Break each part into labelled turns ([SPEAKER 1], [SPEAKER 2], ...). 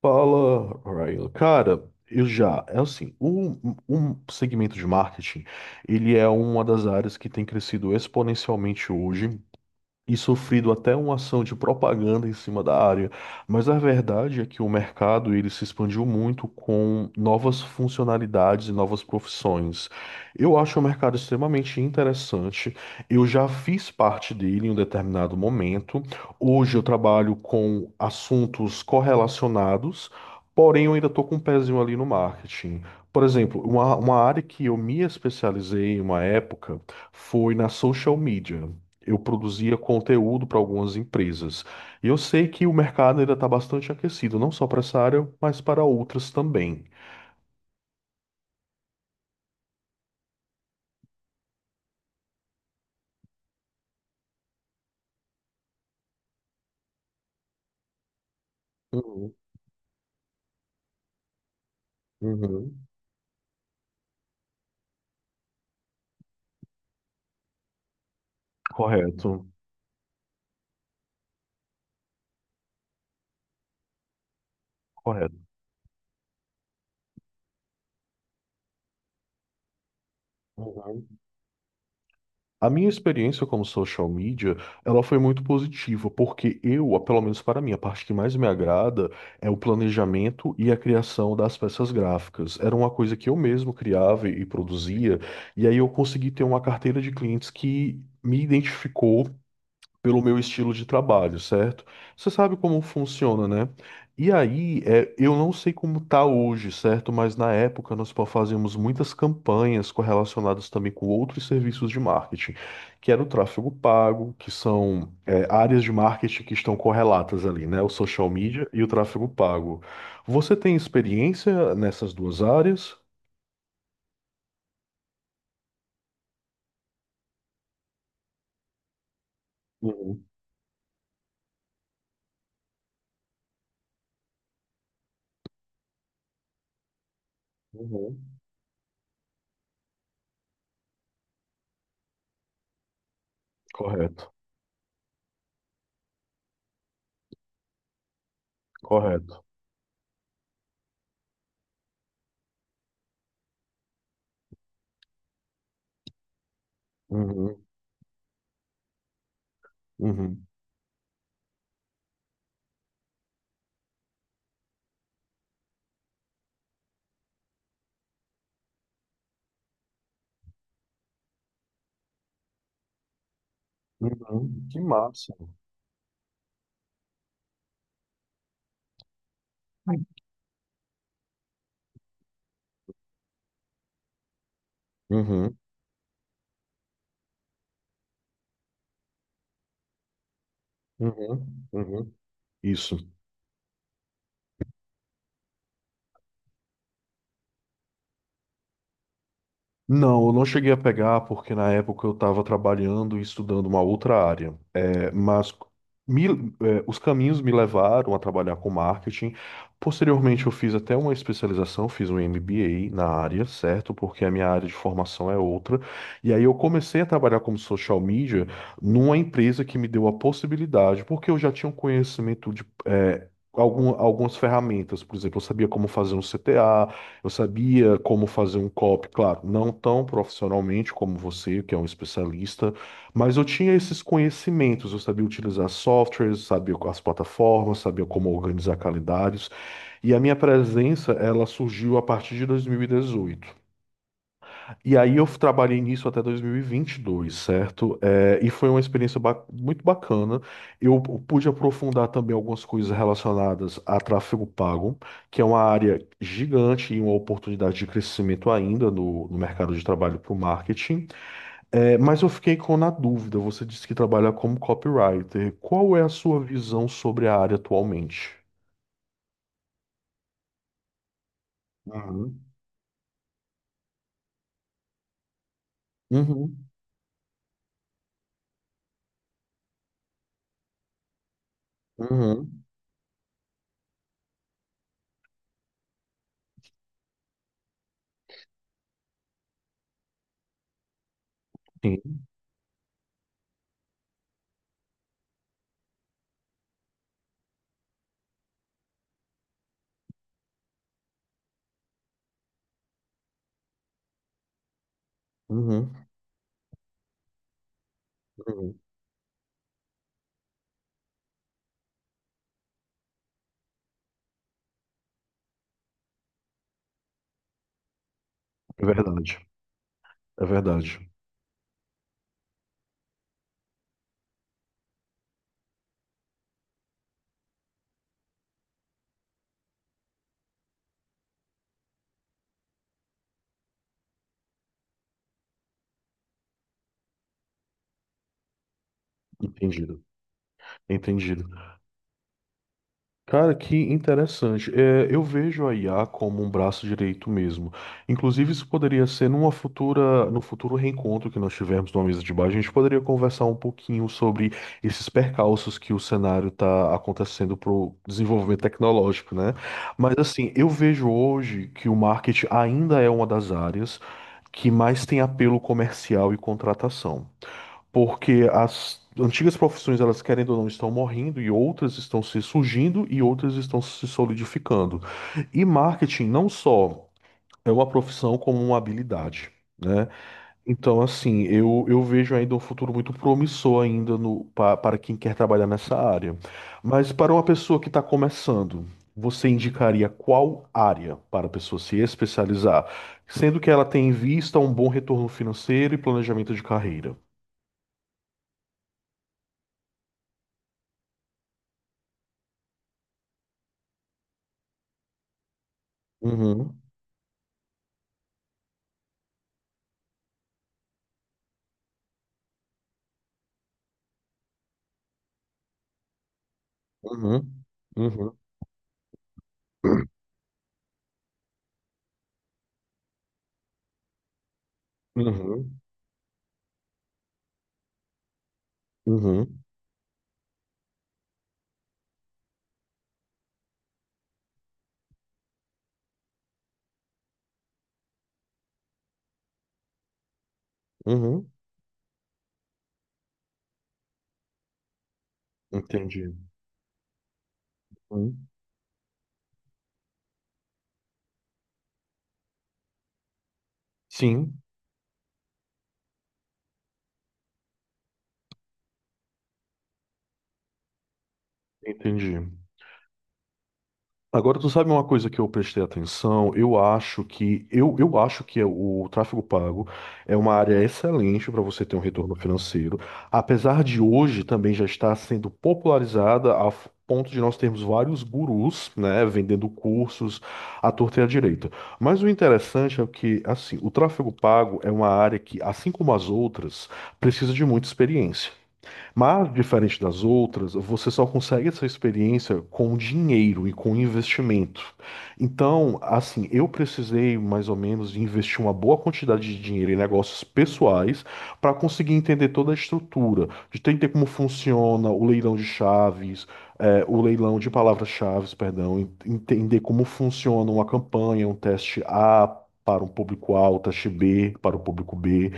[SPEAKER 1] Fala, Ryan. Cara, eu já, é assim, O um segmento de marketing, ele é uma das áreas que tem crescido exponencialmente hoje e sofrido até uma ação de propaganda em cima da área. Mas a verdade é que o mercado ele se expandiu muito com novas funcionalidades e novas profissões. Eu acho o mercado extremamente interessante. Eu já fiz parte dele em um determinado momento. Hoje eu trabalho com assuntos correlacionados, porém eu ainda estou com um pezinho ali no marketing. Por exemplo, uma área que eu me especializei em uma época foi na social media. Eu produzia conteúdo para algumas empresas. E eu sei que o mercado ainda está bastante aquecido, não só para essa área, mas para outras também. Uhum, uhum. Correto, correto. Uhum. A minha experiência como social media, ela foi muito positiva, porque eu, pelo menos para mim, a parte que mais me agrada é o planejamento e a criação das peças gráficas. Era uma coisa que eu mesmo criava e produzia, e aí eu consegui ter uma carteira de clientes que me identificou pelo meu estilo de trabalho, certo? Você sabe como funciona, né? E aí, eu não sei como tá hoje, certo? Mas na época fazíamos muitas campanhas correlacionadas também com outros serviços de marketing, que era o tráfego pago, que são, áreas de marketing que estão correlatas ali, né? O social media e o tráfego pago. Você tem experiência nessas duas áreas? Uhum, uhum. Correto, correto. Uhum, uhum, uhum. Que massa. Uhum. Uhum, uhum. Isso. Não, eu não cheguei a pegar porque na época eu estava trabalhando e estudando uma outra área. É, mas me- os caminhos me levaram a trabalhar com marketing. Posteriormente, eu fiz até uma especialização, fiz um MBA na área, certo? Porque a minha área de formação é outra. E aí eu comecei a trabalhar como social media numa empresa que me deu a possibilidade, porque eu já tinha um conhecimento de. Algumas ferramentas, por exemplo, eu sabia como fazer um CTA. Eu sabia como fazer um copy, claro, não tão profissionalmente como você, que é um especialista, mas eu tinha esses conhecimentos, eu sabia utilizar softwares, sabia as plataformas, sabia como organizar calendários, e a minha presença, ela surgiu a partir de 2018. E aí eu trabalhei nisso até 2022, certo? E foi uma experiência muito bacana. Eu pude aprofundar também algumas coisas relacionadas a tráfego pago, que é uma área gigante e uma oportunidade de crescimento ainda no mercado de trabalho para o marketing. É, mas eu fiquei com na dúvida. Você disse que trabalha como copywriter. Qual é a sua visão sobre a área atualmente? Uhum. Uhum. Uhum. Sim. Uhum. Uhum. É verdade. É verdade. Entendido. Entendido. Cara, que interessante. É, eu vejo a IA como um braço direito mesmo. Inclusive, isso poderia ser numa futura, no futuro reencontro que nós tivermos numa mesa de bar, a gente poderia conversar um pouquinho sobre esses percalços que o cenário está acontecendo para o desenvolvimento tecnológico, né? Mas assim, eu vejo hoje que o marketing ainda é uma das áreas que mais tem apelo comercial e contratação porque as antigas profissões, elas querendo ou não, estão morrendo e outras estão se surgindo e outras estão se solidificando. E marketing não só é uma profissão como uma habilidade. Né? Então, assim, eu vejo ainda um futuro muito promissor ainda no, pa- para quem quer trabalhar nessa área. Mas para uma pessoa que está começando, você indicaria qual área para a pessoa se especializar, sendo que ela tem em vista um bom retorno financeiro e planejamento de carreira? Uhum, uhum, uhum, uhum, uhum, entendi. Uhum. Sim, entendi. Agora, tu sabe uma coisa que eu prestei atenção? Eu acho que é o tráfego pago é uma área excelente para você ter um retorno financeiro, apesar de hoje também já estar sendo popularizada a ponto de nós termos vários gurus, né, vendendo cursos à torta e à direita. Mas o interessante é que, assim, o tráfego pago é uma área que, assim como as outras, precisa de muita experiência. Mas, diferente das outras, você só consegue essa experiência com dinheiro e com investimento. Então, assim, eu precisei mais ou menos de investir uma boa quantidade de dinheiro em negócios pessoais para conseguir entender toda a estrutura, de entender como funciona o leilão de chaves, o leilão de palavras-chaves, perdão, entender como funciona uma campanha, um teste A. Para um público A, o teste B, para o público B.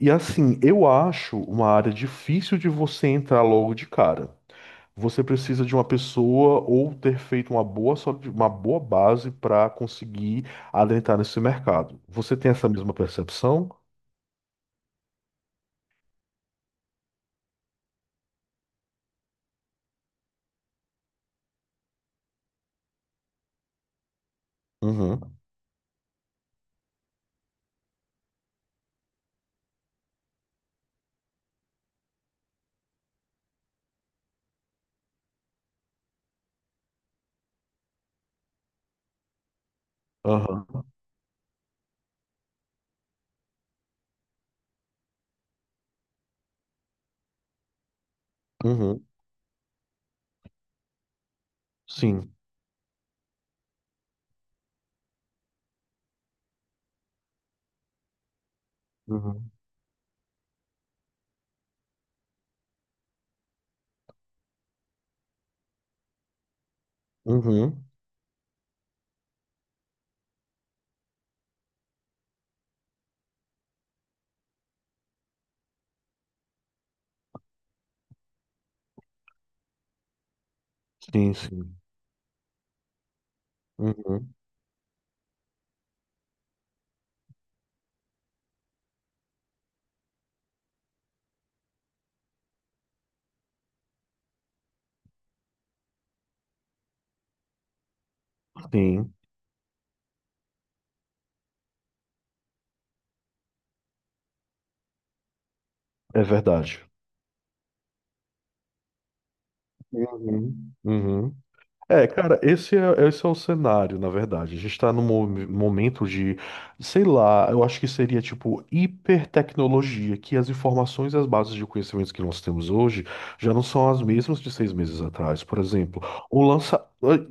[SPEAKER 1] E assim, eu acho uma área difícil de você entrar logo de cara. Você precisa de uma pessoa ou ter feito uma boa, uma boa base para conseguir adentrar nesse mercado. Você tem essa mesma percepção? Uhum. Aham. Uhum. Sim. Uhum. Uhum. Sim, sim. Uhum. Sim. É verdade. Uhum. Uhum. Cara, esse é o cenário, na verdade. A gente está num momento de, sei lá, eu acho que seria tipo hipertecnologia, que as informações e as bases de conhecimentos que nós temos hoje já não são as mesmas de 6 meses atrás. Por exemplo, o lança.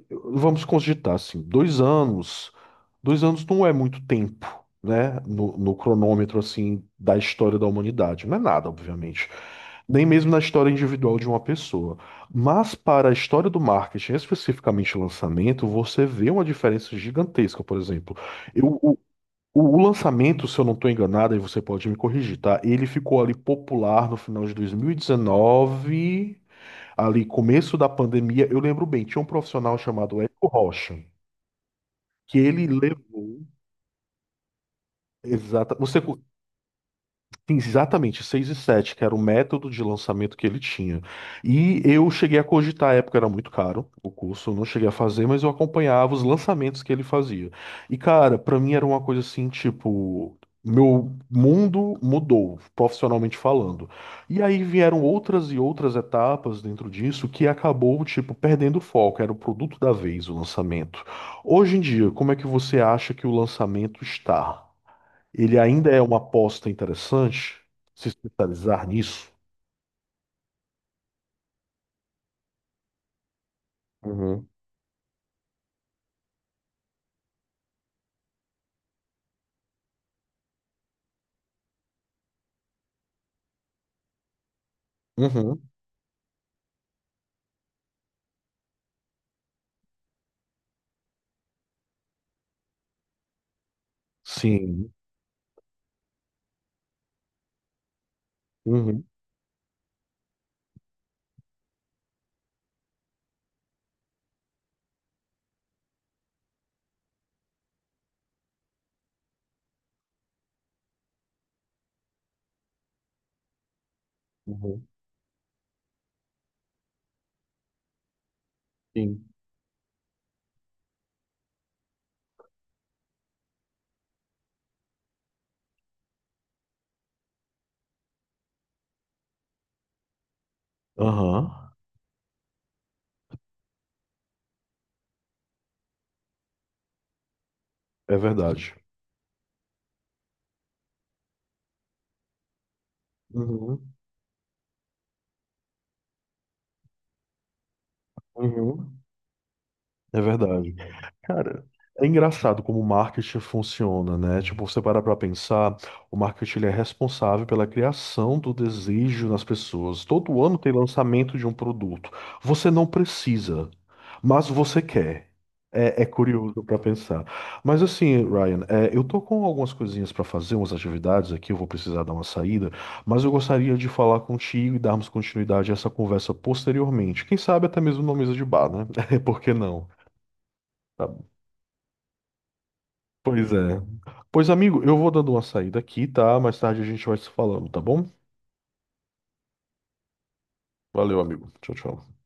[SPEAKER 1] Vamos cogitar assim, 2 anos. 2 anos não é muito tempo, né? No cronômetro, assim, da história da humanidade. Não é nada, obviamente nem mesmo na história individual de uma pessoa. Mas para a história do marketing, especificamente lançamento, você vê uma diferença gigantesca, por exemplo. Eu, o, o lançamento, se eu não estou enganado, e você pode me corrigir, tá? Ele ficou ali popular no final de 2019, ali começo da pandemia. Eu lembro bem, tinha um profissional chamado Érico Rocha, que ele levou. Exata. Você, sim, exatamente, 6 e 7 que era o método de lançamento que ele tinha. E eu cheguei a cogitar, à época era muito caro o curso, eu não cheguei a fazer, mas eu acompanhava os lançamentos que ele fazia. E cara, pra mim era uma coisa assim, tipo, meu mundo mudou, profissionalmente falando. E aí vieram outras e outras etapas dentro disso que acabou, tipo, perdendo o foco, era o produto da vez, o lançamento. Hoje em dia, como é que você acha que o lançamento está? Ele ainda é uma aposta interessante se especializar nisso. Uhum. Uhum. Sim. Uhum. Uhum. Sim. Aham. É verdade. Uhum. Uhum. É verdade. Cara, é engraçado como o marketing funciona, né? Tipo, você para pra pensar, o marketing ele é responsável pela criação do desejo nas pessoas. Todo ano tem lançamento de um produto. Você não precisa, mas você quer. É curioso pra pensar. Mas assim, Ryan, eu tô com algumas coisinhas pra fazer, umas atividades aqui, eu vou precisar dar uma saída, mas eu gostaria de falar contigo e darmos continuidade a essa conversa posteriormente. Quem sabe até mesmo numa mesa de bar, né? Por que não? Tá Pois é. Pois, amigo, eu vou dando uma saída aqui, tá? Mais tarde a gente vai se falando, tá bom? Valeu, amigo. Tchau, tchau.